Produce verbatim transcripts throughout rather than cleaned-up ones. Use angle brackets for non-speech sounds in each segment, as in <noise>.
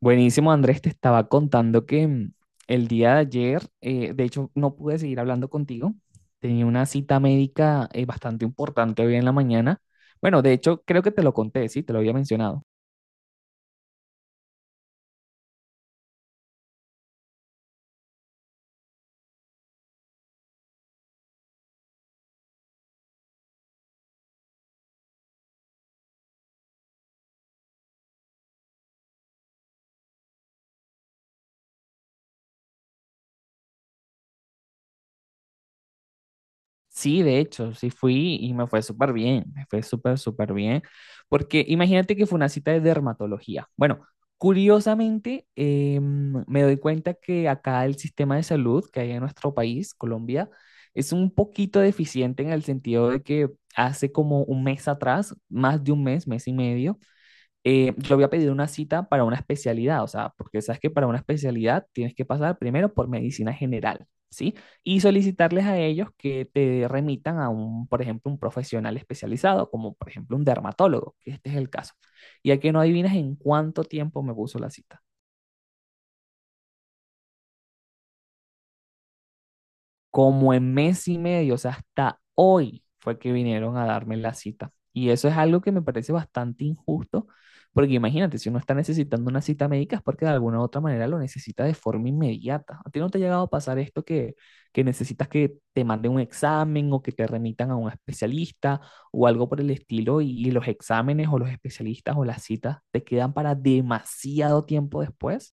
Buenísimo, Andrés, te estaba contando que mm, el día de ayer, eh, de hecho, no pude seguir hablando contigo. Tenía una cita médica eh, bastante importante hoy en la mañana. Bueno, de hecho, creo que te lo conté, sí, te lo había mencionado. Sí, de hecho, sí fui y me fue súper bien, me fue súper, súper bien, porque imagínate que fue una cita de dermatología. Bueno, curiosamente, eh, me doy cuenta que acá el sistema de salud que hay en nuestro país, Colombia, es un poquito deficiente en el sentido de que hace como un mes atrás, más de un mes, mes y medio, eh, yo había pedido una cita para una especialidad, o sea, porque sabes que para una especialidad tienes que pasar primero por medicina general, ¿sí? Y solicitarles a ellos que te remitan a un, por ejemplo, un profesional especializado, como por ejemplo un dermatólogo, que este es el caso. Ya que no adivinas en cuánto tiempo me puso la cita. Como en mes y medio, o sea, hasta hoy fue que vinieron a darme la cita. Y eso es algo que me parece bastante injusto, porque imagínate, si uno está necesitando una cita médica es porque de alguna u otra manera lo necesita de forma inmediata. ¿A ti no te ha llegado a pasar esto que, que necesitas que te manden un examen o que te remitan a un especialista o algo por el estilo y, y los exámenes o los especialistas o las citas te quedan para demasiado tiempo después?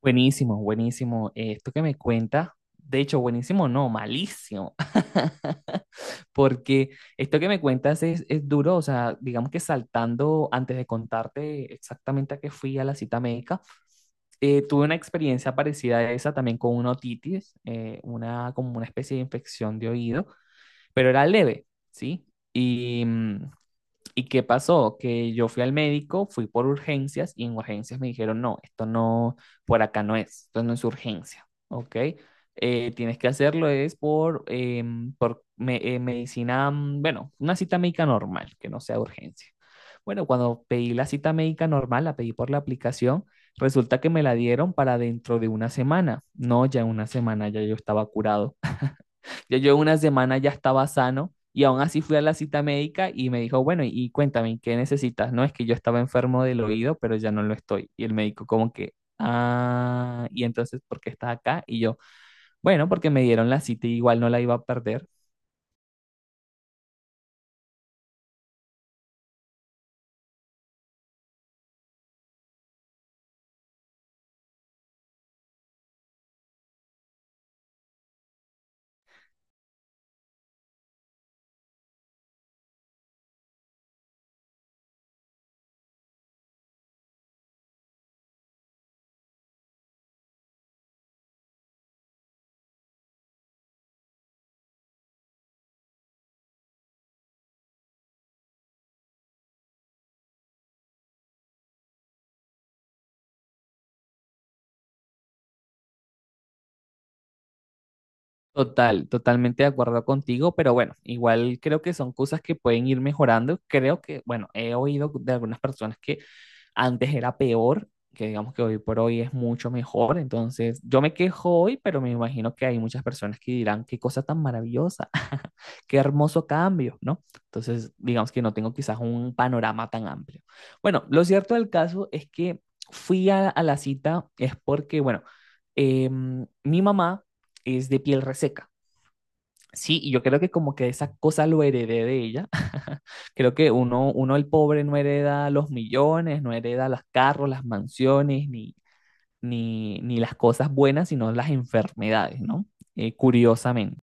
Buenísimo, buenísimo. Eh, esto que me cuentas, de hecho, buenísimo, no, malísimo, <laughs> porque esto que me cuentas es, es duro, o sea, digamos que saltando antes de contarte exactamente a qué fui a la cita médica, eh, tuve una experiencia parecida a esa también con una otitis, eh, una, como una especie de infección de oído, pero era leve, ¿sí? Y mm, ¿y qué pasó? Que yo fui al médico, fui por urgencias y en urgencias me dijeron, no, esto no, por acá no es, esto no es urgencia, ¿ok? Eh, tienes que hacerlo es por, em, por me- eh, medicina, mm, bueno, una cita médica normal, que no sea urgencia. Bueno, cuando pedí la cita médica normal, la pedí por la aplicación, resulta que me la dieron para dentro de una semana. No, ya en una semana ya yo estaba curado. Ya yo una semana ya estaba sano y aún así fui a la cita médica y me dijo, bueno, y cuéntame, ¿qué necesitas? No, es que yo estaba enfermo del oído, pero ya no lo estoy. Y el médico como que, ah, y entonces, ¿por qué estás acá? Y yo, bueno, porque me dieron la cita y igual no la iba a perder. Total, totalmente de acuerdo contigo, pero bueno, igual creo que son cosas que pueden ir mejorando. Creo que, bueno, he oído de algunas personas que antes era peor, que digamos que hoy por hoy es mucho mejor. Entonces, yo me quejo hoy, pero me imagino que hay muchas personas que dirán, qué cosa tan maravillosa, <laughs> qué hermoso cambio, ¿no? Entonces, digamos que no tengo quizás un panorama tan amplio. Bueno, lo cierto del caso es que fui a, a la cita es porque, bueno, em, mi mamá es de piel reseca. Sí, y yo creo que como que esa cosa lo heredé de ella. <laughs> Creo que uno, uno el pobre no hereda los millones, no hereda los carros, las mansiones, ni, ni, ni las cosas buenas, sino las enfermedades, ¿no? Eh, curiosamente.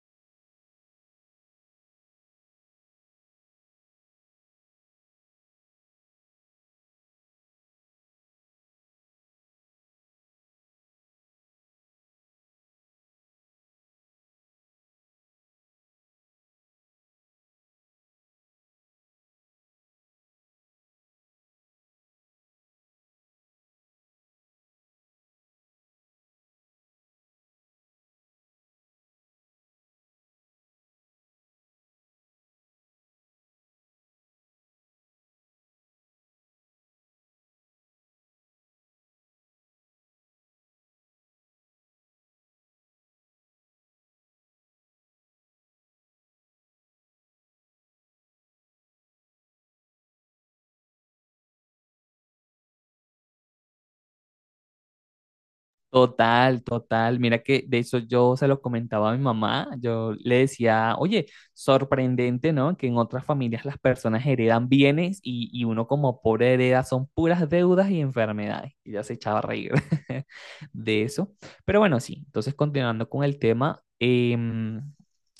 Total, total. Mira que de eso yo se lo comentaba a mi mamá. Yo le decía, oye, sorprendente, ¿no? Que en otras familias las personas heredan bienes y, y uno como pobre hereda son puras deudas y enfermedades. Y ya se echaba a reír <laughs> de eso. Pero bueno, sí. Entonces, continuando con el tema, em,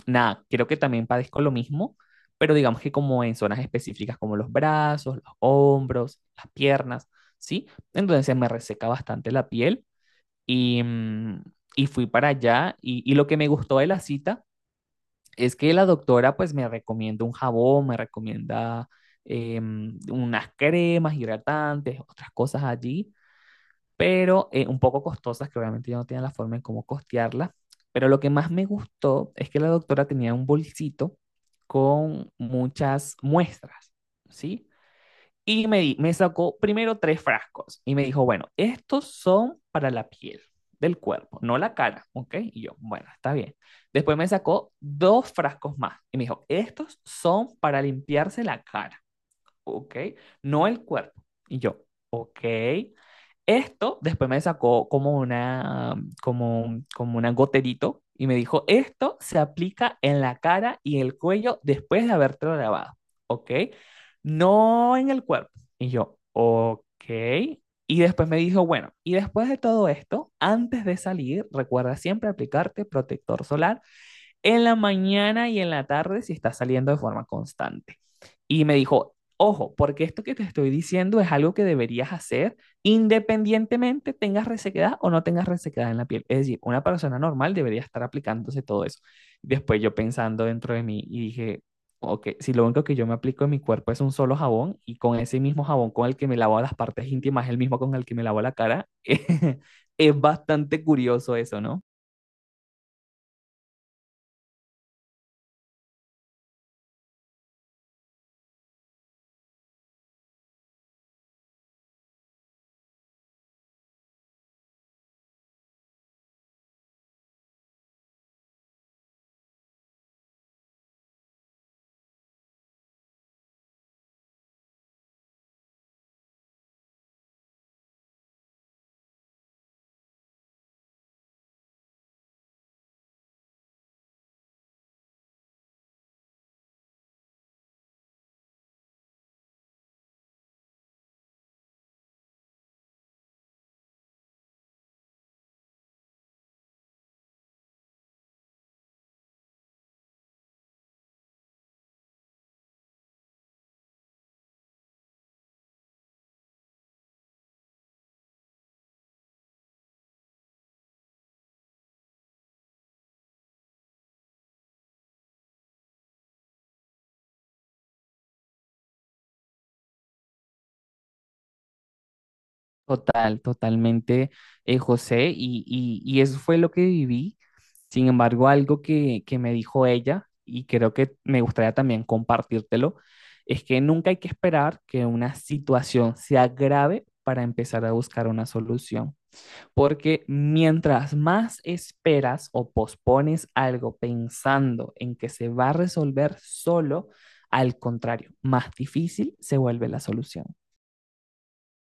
nada, creo que también padezco lo mismo, pero digamos que como en zonas específicas como los brazos, los hombros, las piernas, ¿sí? Entonces se me reseca bastante la piel. Y, mm, y fui para allá y, y lo que me gustó de la cita es que la doctora pues me recomienda un jabón, me recomienda em, unas cremas hidratantes, otras cosas allí, pero eh, un poco costosas que obviamente yo no tenía la forma en cómo costearlas. Pero lo que más me gustó es que la doctora tenía un bolsito con muchas muestras, ¿sí? Y me, di- me sacó primero tres frascos y me dijo, bueno, estos son para la piel del cuerpo, no la cara, ¿ok? Y yo, bueno, está bien. Después me sacó dos frascos más y me dijo, estos son para limpiarse la cara, ok, no el cuerpo. Y yo, ok. Esto después me sacó como una, como, un- como una goterito y me dijo, esto se aplica en la cara y el cuello después de haberte lavado, ¿ok? No en el cuerpo. Y yo, ok. Y después me dijo, bueno, y después de todo esto, antes de salir, recuerda siempre aplicarte protector solar en la mañana y en la tarde si está saliendo de forma constante. Y me dijo, ojo, porque esto que te estoy diciendo es algo que deberías hacer independientemente tengas resequedad o no tengas resequedad en la piel. Es decir, una persona normal debería estar aplicándose todo eso. Después yo pensando dentro de mí y dije, ok, si lo único que yo me aplico en mi cuerpo es un solo jabón y con ese mismo jabón con el que me lavo las partes íntimas, el mismo con el que me lavo la cara, <laughs> es bastante curioso eso, ¿no? Total, totalmente, eh, José, y, y- y eso fue lo que viví. Sin embargo, algo que, que me dijo ella, y creo que me gustaría también compartírtelo, es que nunca hay que esperar que una situación se agrave para empezar a buscar una solución. Porque mientras más esperas o pospones algo pensando en que se va a resolver solo, al contrario, más difícil se vuelve la solución.